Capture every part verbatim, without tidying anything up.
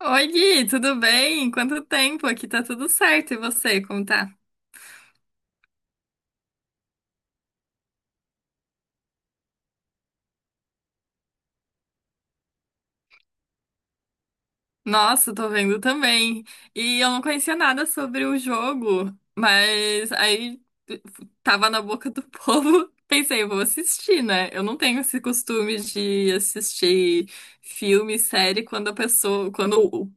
Oi, Gui, tudo bem? Quanto tempo? Aqui tá tudo certo. E você, como tá? Nossa, tô vendo também. E eu não conhecia nada sobre o jogo, mas aí tava na boca do povo. Pensei, eu vou assistir, né? Eu não tenho esse costume de assistir filme, série quando a pessoa, quando o-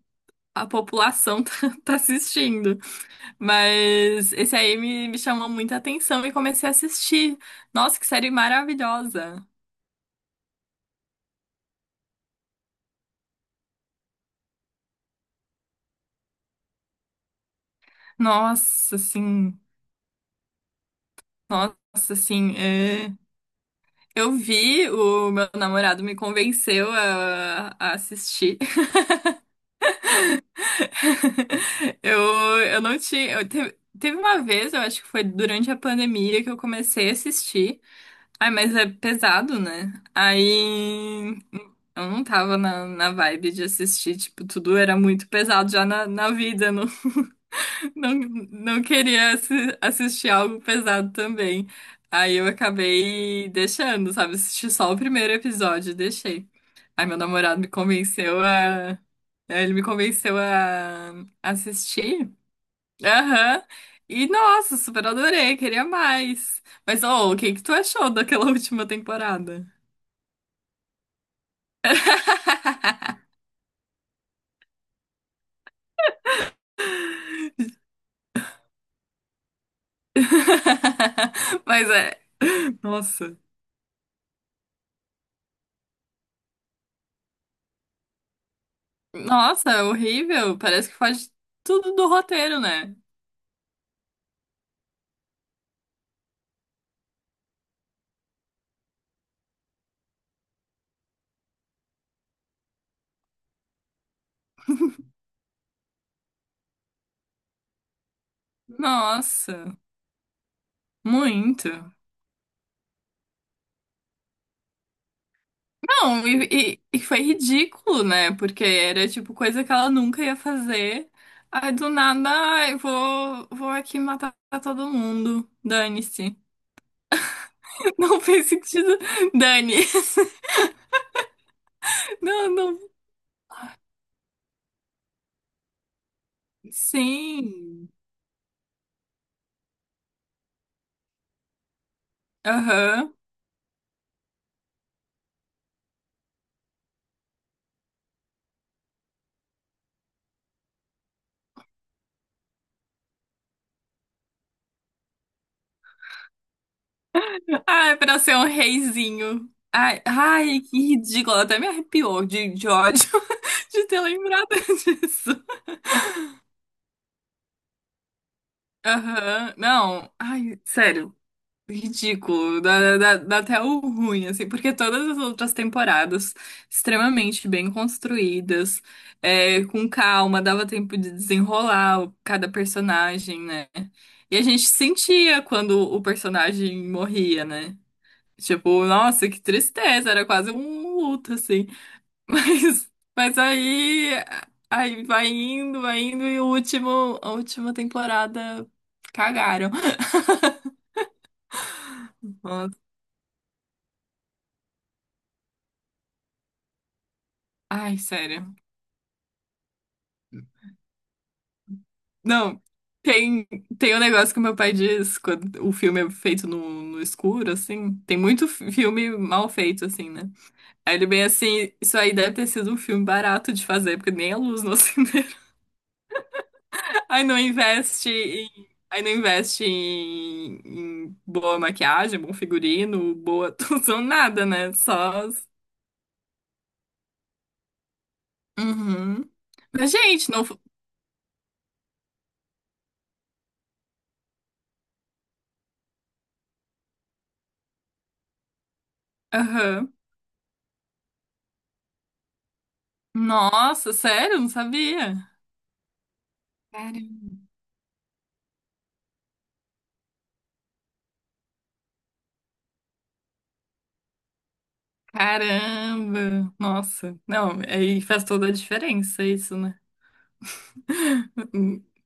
a população tá, tá assistindo. Mas esse aí me, me chamou muita atenção e comecei a assistir. Nossa, que série maravilhosa! Nossa, sim. Nossa, sim. É. Eu vi, o meu namorado me convenceu a, a assistir. Eu, eu não tinha. Eu te- teve uma vez, eu acho que foi durante a pandemia, que eu comecei a assistir. Ai, mas é pesado, né? Aí. Eu não tava na, na vibe de assistir, tipo, tudo era muito pesado já na, na vida, não. Não, não queria assi- assistir algo pesado também. Aí eu acabei deixando, sabe? Assisti só o primeiro episódio e deixei. Aí meu namorado me convenceu a. Né, ele me convenceu a assistir. Aham. E nossa, super adorei, queria mais. Mas, ô, o que que tu achou daquela última temporada? Mas é. Nossa. Nossa, é horrível. Parece que faz tudo do roteiro, né? Nossa, muito. Não, e, e- E foi ridículo, né? Porque era tipo coisa que ela nunca ia fazer. Aí do nada, ai, vou, vou aqui matar todo mundo. Dane-se. Não fez sentido. Dane. Não, não. Sim. Aham. Ai, pra ser um reizinho. Ai, ai, que ridículo. Até me arrepiou de, de ódio de ter lembrado disso. Aham. Não, ai, sério. Ridículo. Dá, dá, dá até o ruim, assim, porque todas as outras temporadas, extremamente bem construídas, é, com calma, dava tempo de desenrolar o- cada personagem, né? E a gente sentia quando o personagem morria, né? Tipo, nossa, que tristeza, era quase um luto, assim. Mas, mas aí, aí vai indo, vai indo, e o último, a última temporada cagaram. Nossa. Ai, sério. Não, tem, tem um negócio que meu pai diz quando o filme é feito no, no escuro, assim. Tem muito fi- filme mal feito, assim, né? Aí ele bem assim, isso aí deve ter sido um filme barato de fazer, porque nem a luz no cinema. Aí não investe em, aí não investe em, em boa maquiagem, bom figurino, boa atuação, nada, né? Só. As- Uhum. Mas, gente, não. Aham. Nossa, sério? Não sabia. Caramba. Caramba. Nossa. Não, aí faz toda a diferença isso, né?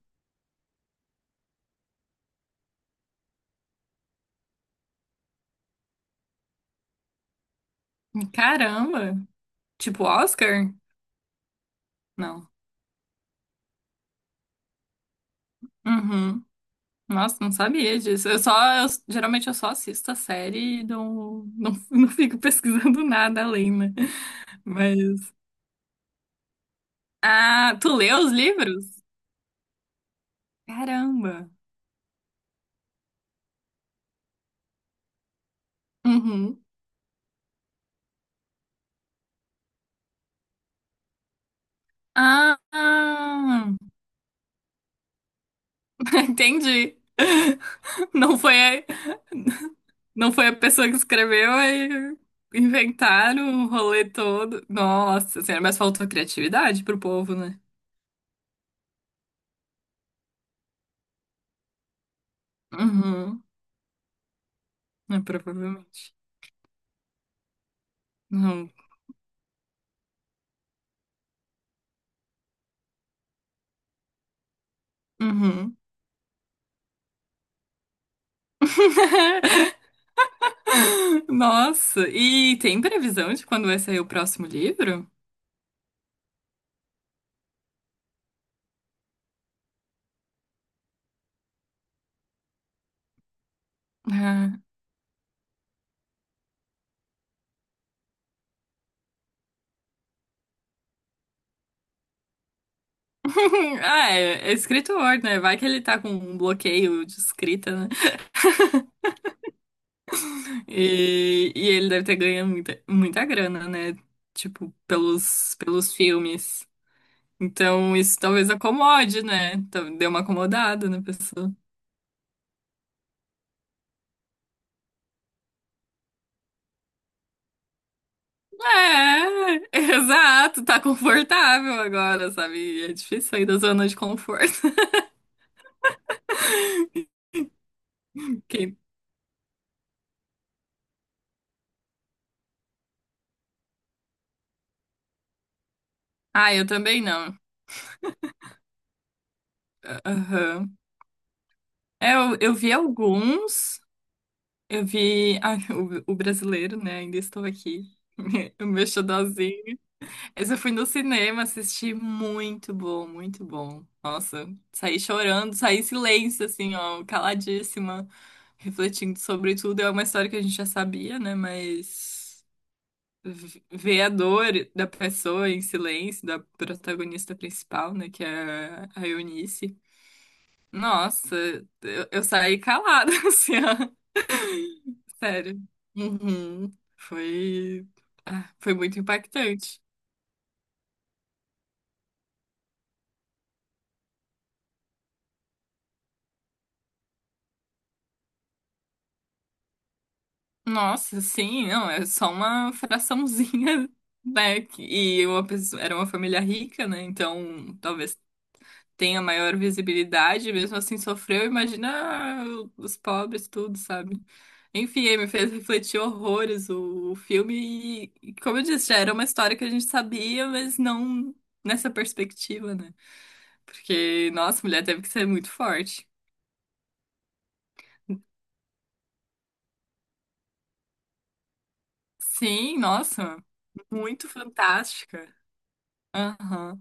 Caramba. Tipo Oscar? Não. Uhum. Nossa, não sabia disso. Eu só, eu- geralmente eu só assisto a série e não, não, não fico pesquisando nada além, né? Mas. Ah, tu leu os livros? Caramba. Uhum. Ah, ah, entendi. Não foi, a- não foi a pessoa que escreveu, aí inventaram o rolê todo. Nossa senhora, mas faltou criatividade pro povo, né? Uhum. É, provavelmente. Não. Uhum. Nossa, e tem previsão de quando vai sair o próximo livro? Ah. Ah, é, é escritor, né? Vai que ele tá com um bloqueio de escrita, né? E, e ele deve ter ganho muita, muita grana, né? Tipo, pelos, pelos filmes. Então, isso talvez acomode, né? Então, deu uma acomodada na pessoa. É, exato, tá confortável agora, sabe? É difícil sair da zona de conforto. Quem- Ah, eu também não. Aham. É, eu, eu vi alguns, eu vi ah, o, o brasileiro, né? Ainda estou aqui, o meu xodózinho. Mas eu fui no cinema assisti, muito bom, muito bom. Nossa, saí chorando, saí em silêncio, assim, ó, caladíssima, refletindo sobre tudo. É uma história que a gente já sabia, né? Mas v- ver a dor da pessoa em silêncio, da protagonista principal, né? Que é a Eunice. Nossa, eu, eu saí calada, assim, ó. Sério. Uhum. Foi, ah, foi muito impactante. Nossa, sim, não, é só uma fraçãozinha, né? Que- E uma pessoa, era uma família rica, né? Então, talvez tenha maior visibilidade, mesmo assim sofreu, imagina os pobres, tudo, sabe? Enfim, aí me fez refletir horrores o, o filme e, e como eu disse, já era uma história que a gente sabia, mas não nessa perspectiva, né? Porque, nossa, a mulher teve que ser muito forte. Sim, nossa, muito fantástica. Aham.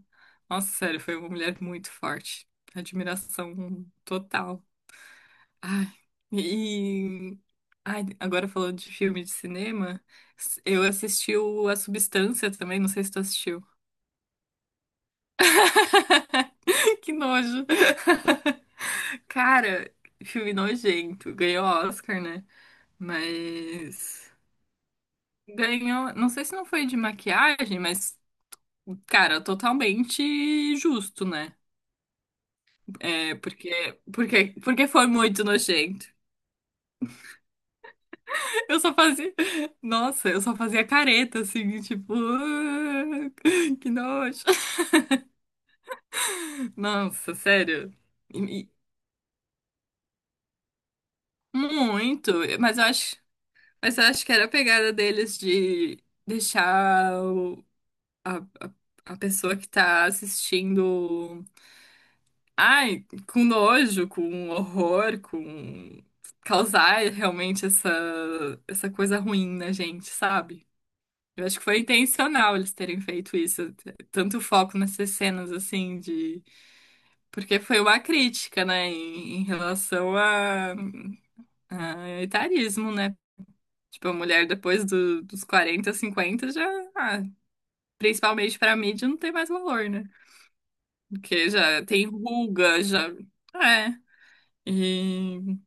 Nossa, sério, foi uma mulher muito forte. Admiração total. Ai, e. Ai, agora falando de filme de cinema, eu assisti o A Substância também, não sei se tu assistiu. Que nojo. Cara, filme nojento. Ganhou Oscar, né? Mas. Ganhou. Não sei se não foi de maquiagem, mas. Cara, totalmente justo, né? É, porque, porque, porque foi muito nojento. Eu só fazia. Nossa, eu só fazia careta, assim, tipo. "Ah, que nojo. Nossa, sério. E- e- Muito. Mas eu acho. Mas eu acho que era a pegada deles de deixar o- a, a, a pessoa que tá assistindo. Ai, com nojo, com horror, com. Causar realmente essa, essa coisa ruim na gente, sabe? Eu acho que foi intencional eles terem feito isso, t- tanto foco nessas cenas assim de, porque foi uma crítica, né, em, em relação a, a etarismo, né? Tipo, a mulher depois do- dos quarenta, cinquenta já, ah, principalmente pra mídia, não tem mais valor, né? Porque já tem ruga, já, é. E,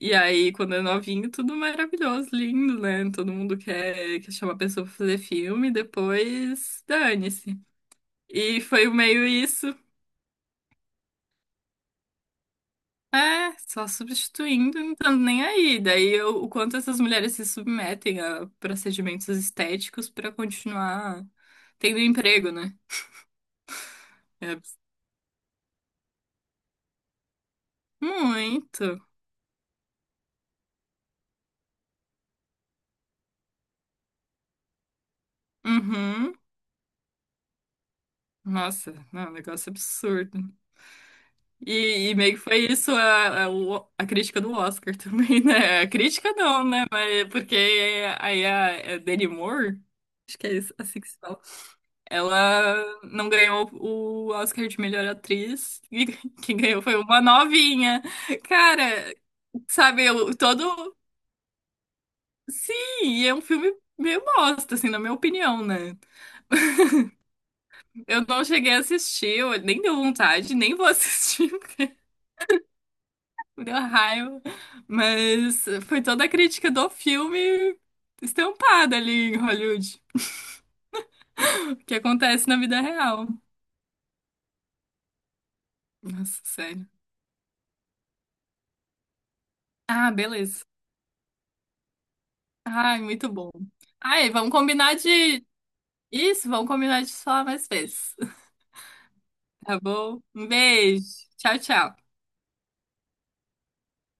e aí, quando é novinho, tudo maravilhoso, lindo, né? Todo mundo quer, quer chamar a pessoa pra fazer filme, depois dane-se. E foi meio isso. É, só substituindo, não estando nem aí. Daí eu- o quanto essas mulheres se submetem a procedimentos estéticos pra continuar tendo emprego, né? É abs- Muito. Uhum. Nossa, não, é um negócio absurdo. E, e meio que foi isso a, a, o- a crítica do Oscar também, né? A crítica não, né? Mas porque aí a, a Demi Moore, acho que é isso, assim que se fala. Ela não ganhou o Oscar de melhor atriz, e quem ganhou foi uma novinha. Cara, sabe, eu todo. Sim, e é um filme meio bosta, assim, na minha opinião, né? Eu não cheguei a assistir, eu nem deu vontade, nem vou assistir, porque me deu raiva. Mas foi toda a crítica do filme estampada ali em Hollywood, que acontece na vida real. Nossa, sério. Ah, beleza. Ai, muito bom. Ai, vamos combinar de isso, vamos combinar de falar mais vezes. Tá bom? Um beijo. Tchau, tchau.